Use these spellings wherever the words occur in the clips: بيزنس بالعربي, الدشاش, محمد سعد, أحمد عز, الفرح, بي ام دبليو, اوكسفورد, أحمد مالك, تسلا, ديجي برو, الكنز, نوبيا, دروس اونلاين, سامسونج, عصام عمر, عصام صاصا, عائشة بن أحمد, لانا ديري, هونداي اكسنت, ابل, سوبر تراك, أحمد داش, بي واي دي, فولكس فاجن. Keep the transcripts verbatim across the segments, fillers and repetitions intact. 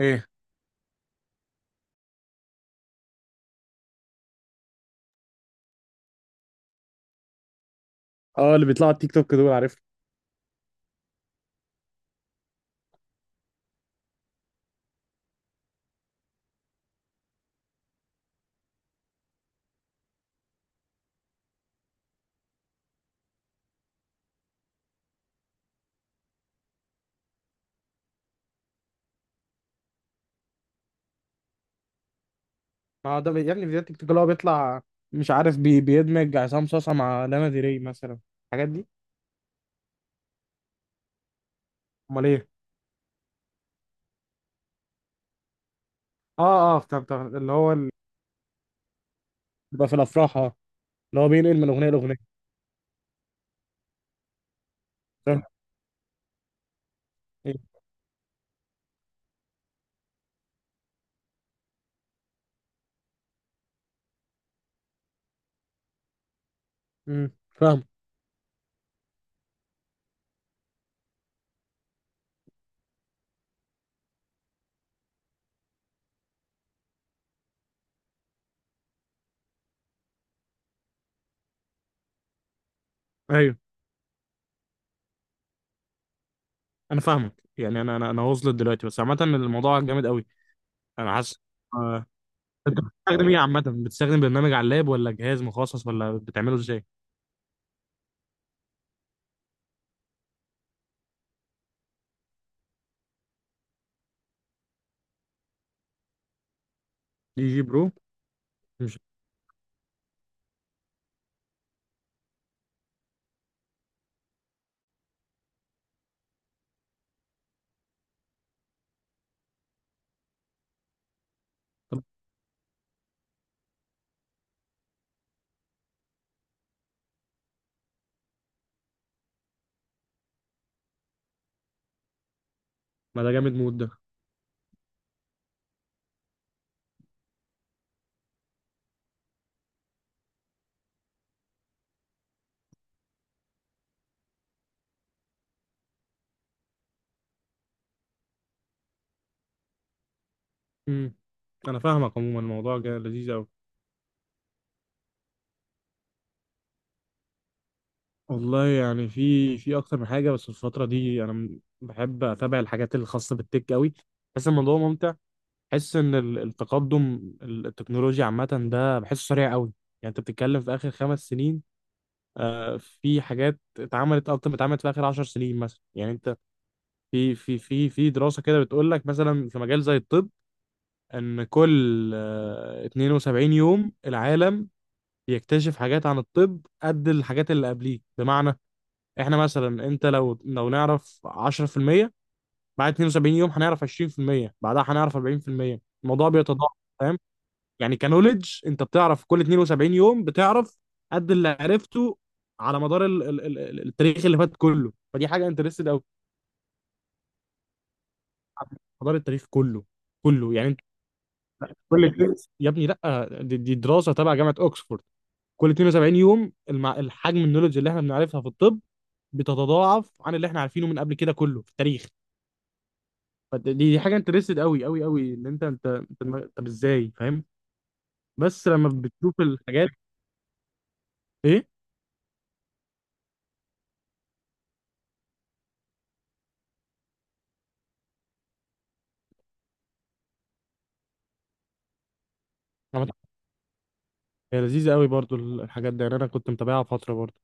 ايه اه، اللي بيطلعوا على التيك توك دول، عارف. اه، ده بي- يا ابني فيديوهات تيك توك اللي هو بيطلع. مش عارف بي... بيدمج عصام صاصا مع لانا ديري مثلا، الحاجات دي. امال ايه؟ اه اه، طب طب اللي هو ال- بيبقى في الافراح، اه، اللي هو بينقل من اغنيه لاغنيه، فاهم؟ ايه. امم فاهم. ايوه، انا فاهمك. يعني انا انا انا واصل دلوقتي، بس عامه الموضوع جامد قوي. انا حاسس. آه. انت بتستخدم ايه عامه؟ بتستخدم برنامج على اللاب، ولا جهاز مخصص، ولا بتعمله ازاي؟ دي جي برو؟ مش طب ما ده جامد مود ده. امم انا فاهمك. عموما الموضوع جا- لذيذ قوي. والله يعني في في اكتر من حاجه، بس الفتره دي انا م- بحب اتابع الحاجات الخاصه بالتك قوي. بحس الموضوع ممتع. بحس ان ال- التقدم ال- التكنولوجيا عامه، ده بحسه سريع قوي. يعني انت بتتكلم في اخر خمس سنين، آه، في حاجات اتعملت اكتر ما اتعملت في اخر عشر سنين مثلا. يعني انت في في في في دراسه كده بتقول لك مثلا في مجال زي الطب ان كل آه اثنين وسبعين يوم العالم يكتشف حاجات عن الطب قد الحاجات اللي قبليه. بمعنى احنا مثلا، انت لو لو نعرف عشرة في المية، بعد اثنين وسبعين يوم هنعرف عشرين في المية، بعدها هنعرف أربعين في المية. الموضوع بيتضاعف، فاهم؟ يعني كنوليدج انت بتعرف، كل اثنين وسبعين يوم بتعرف قد اللي عرفته على مدار ال ال ال ال- التاريخ اللي فات كله. فدي حاجه انترستد قوي. على مدار التاريخ كله، كله، يعني انت. كل اتنين- يا ابني لا، دي, دي دراسه تبع جامعه اوكسفورد. كل اثنين وسبعين يوم المع... الحجم النولج اللي احنا بنعرفها في الطب بتتضاعف عن اللي احنا عارفينه من قبل كده كله في التاريخ. فد- دي دي حاجه انترستد قوي قوي قوي. ان انت انت انت دماغ- طب ازاي فاهم بس لما بتشوف الحاجات؟ ايه. عملت- هي لذيذه قوي برضو ال- الحاجات دي يعني. انا كنت متابعها فتره برضو،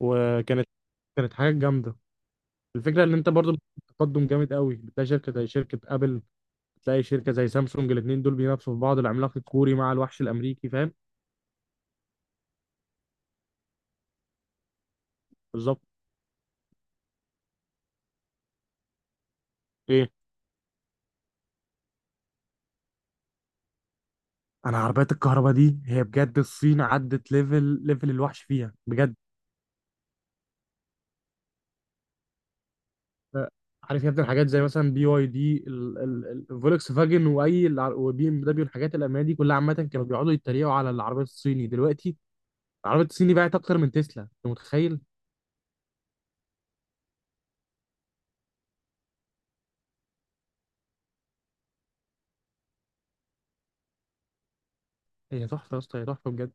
وكانت كانت حاجه جامده. الفكره ان انت برضو تقدم جامد قوي. بتلاقي شركه زي شركه ابل، بتلاقي شركه زي سامسونج. الاثنين دول بينافسوا في بعض، العملاق الكوري مع الوحش الامريكي، فاهم؟ بالظبط. ايه، انا عربيات الكهرباء دي هي بجد، الصين عدت ليفل ليفل الوحش فيها بجد. عارف يا ابني، الحاجات زي مثلا بي واي دي، الفولكس فاجن، واي الع- وبي ام دبليو، الحاجات الالمانيه دي كلها عامه، كانوا بيقعدوا يتريقوا على العربيات الصيني. دلوقتي العربيات الصيني باعت اكتر من تسلا، انت متخيل؟ هي تحفه يا اسطى، هي تحفه بجد.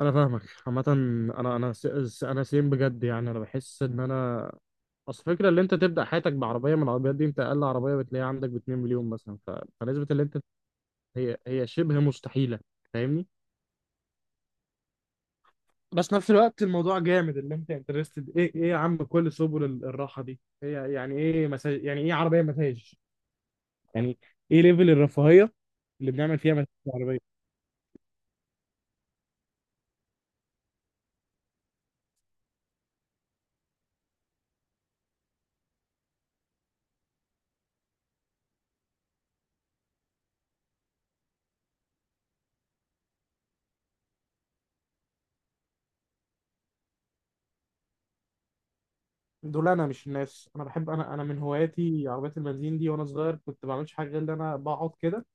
انا فاهمك. عامه انا انا س- س- انا سيم بجد. يعني انا بحس ان انا اصل فكرة اللي انت تبدا حياتك بعربيه من العربيات دي، انت اقل عربيه بتلاقيها عندك ب مليونين مليون مثلا. ف... فنسبه اللي انت هي هي شبه مستحيله، فاهمني؟ بس نفس الوقت الموضوع جامد اللي انت انترستد. ايه ايه يا عم، كل سبل ال- الراحه دي، هي يعني ايه مساج؟ يعني ايه عربيه مساج؟ يعني ايه ليفل الرفاهيه اللي بنعمل فيها مساج عربيه؟ دول انا مش الناس. انا بحب، انا انا من هواياتي عربيات المنزين دي. وانا صغير كنت ما بعملش حاجه غير ان انا بقعد كده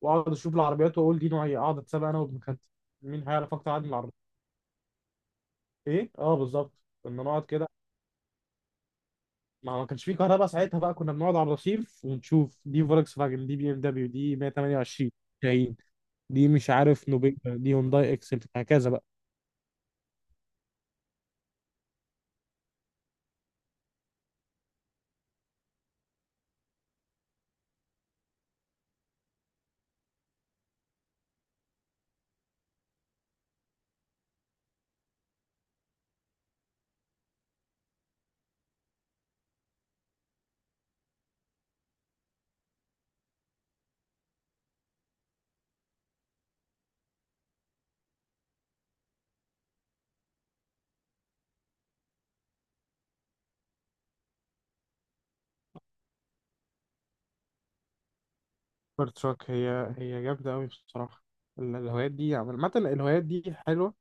واقعد اشوف العربيات واقول دي نوعيه، اقعد اتسابق انا وابن خالتي مين هيعرف اكتر عن العربيه. ايه، اه، بالظبط. كنا نقعد كده. ما ما كانش في كهرباء ساعتها بقى، كنا بنقعد على الرصيف ونشوف دي فولكس فاجن، دي بي ام دبليو، دي مية وتمانية وعشرين، دي مش عارف نوبيا، دي هونداي اكسنت، هكذا بقى. سوبر تراك هي هي جامدة أوي بصراحة. ال- الهوايات دي عامة، الهوايات دي حلوة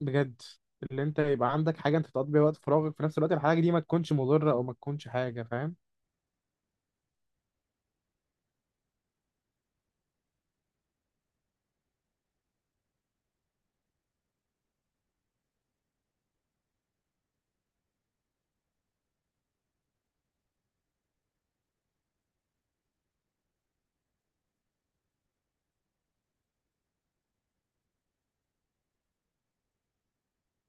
بجد. اللي أنت يبقى عندك حاجة أنت تقضي بيها وقت فراغك، في نفس الوقت الحاجة دي ما تكونش مضرة أو ما تكونش حاجة، فاهم؟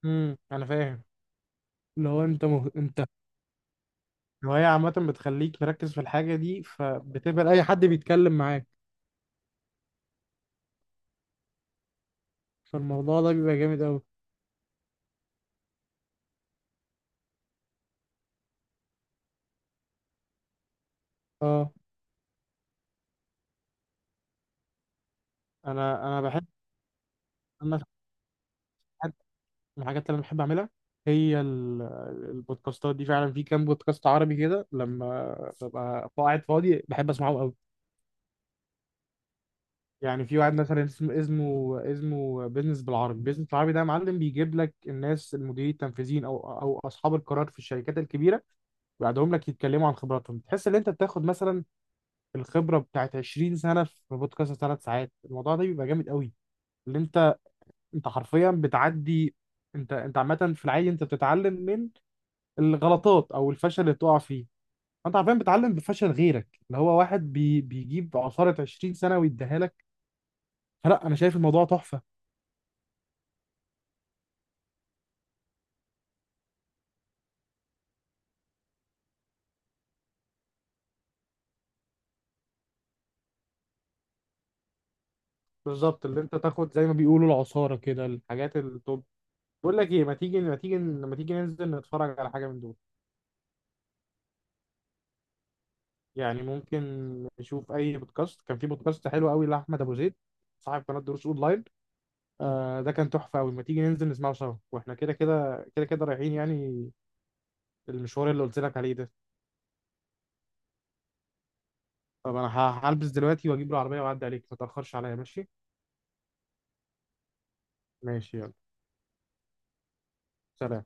امم أنا فاهم. اللي هو أنت مه... أنت الهواية عامة بتخليك مركز في الحاجة دي، فبتقبل أي حد بيتكلم معاك. فالموضوع ده بيبقى جامد أوي. اه. أنا أنا بحب أنا من الحاجات اللي انا بحب اعملها هي ال- البودكاستات دي فعلا. في كام بودكاست عربي كده لما ببقى قاعد فاضي بحب اسمعه قوي. يعني في واحد مثلا اسم- اسمه اسمه بيزنس بالعربي. بيزنس بالعربي ده يا معلم بيجيب لك الناس، المديرين التنفيذيين او او اصحاب القرار في الشركات الكبيره، ويقعدهم لك يتكلموا عن خبراتهم. تحس ان انت بتاخد مثلا الخبره بتاعت عشرين سنه في بودكاست ثلاث ساعات. الموضوع ده بيبقى جامد قوي. اللي انت انت حرفيا بتعدي. انت انت عامه في العادي انت بتتعلم الغلطات او الفشل اللي بتقع فيه. انت عارفين بتعلم بفشل غيرك، اللي هو واحد بي بيجيب عصارة عشرين سنة ويديها لك. فلا، انا شايف الموضوع تحفة. بالظبط، اللي انت تاخد زي ما بيقولوا العصارة كده، الحاجات التوب. بقول لك ايه، ما تيجي ما تيجي لما تيجي ننزل نتفرج على حاجة من دول. يعني ممكن نشوف اي بودكاست. كان في بودكاست حلو قوي لاحمد ابو زيد، صاحب قناة دروس اونلاين. آه، ده كان تحفة قوي. ما تيجي ننزل نسمعه سوا، واحنا كده كده كده كده رايحين يعني، المشوار اللي قلت لك عليه ده. طب انا ه- هلبس دلوقتي واجيب العربية واعدي عليك، ما تأخرش عليا، ماشي؟ ماشي، يلا، سلام.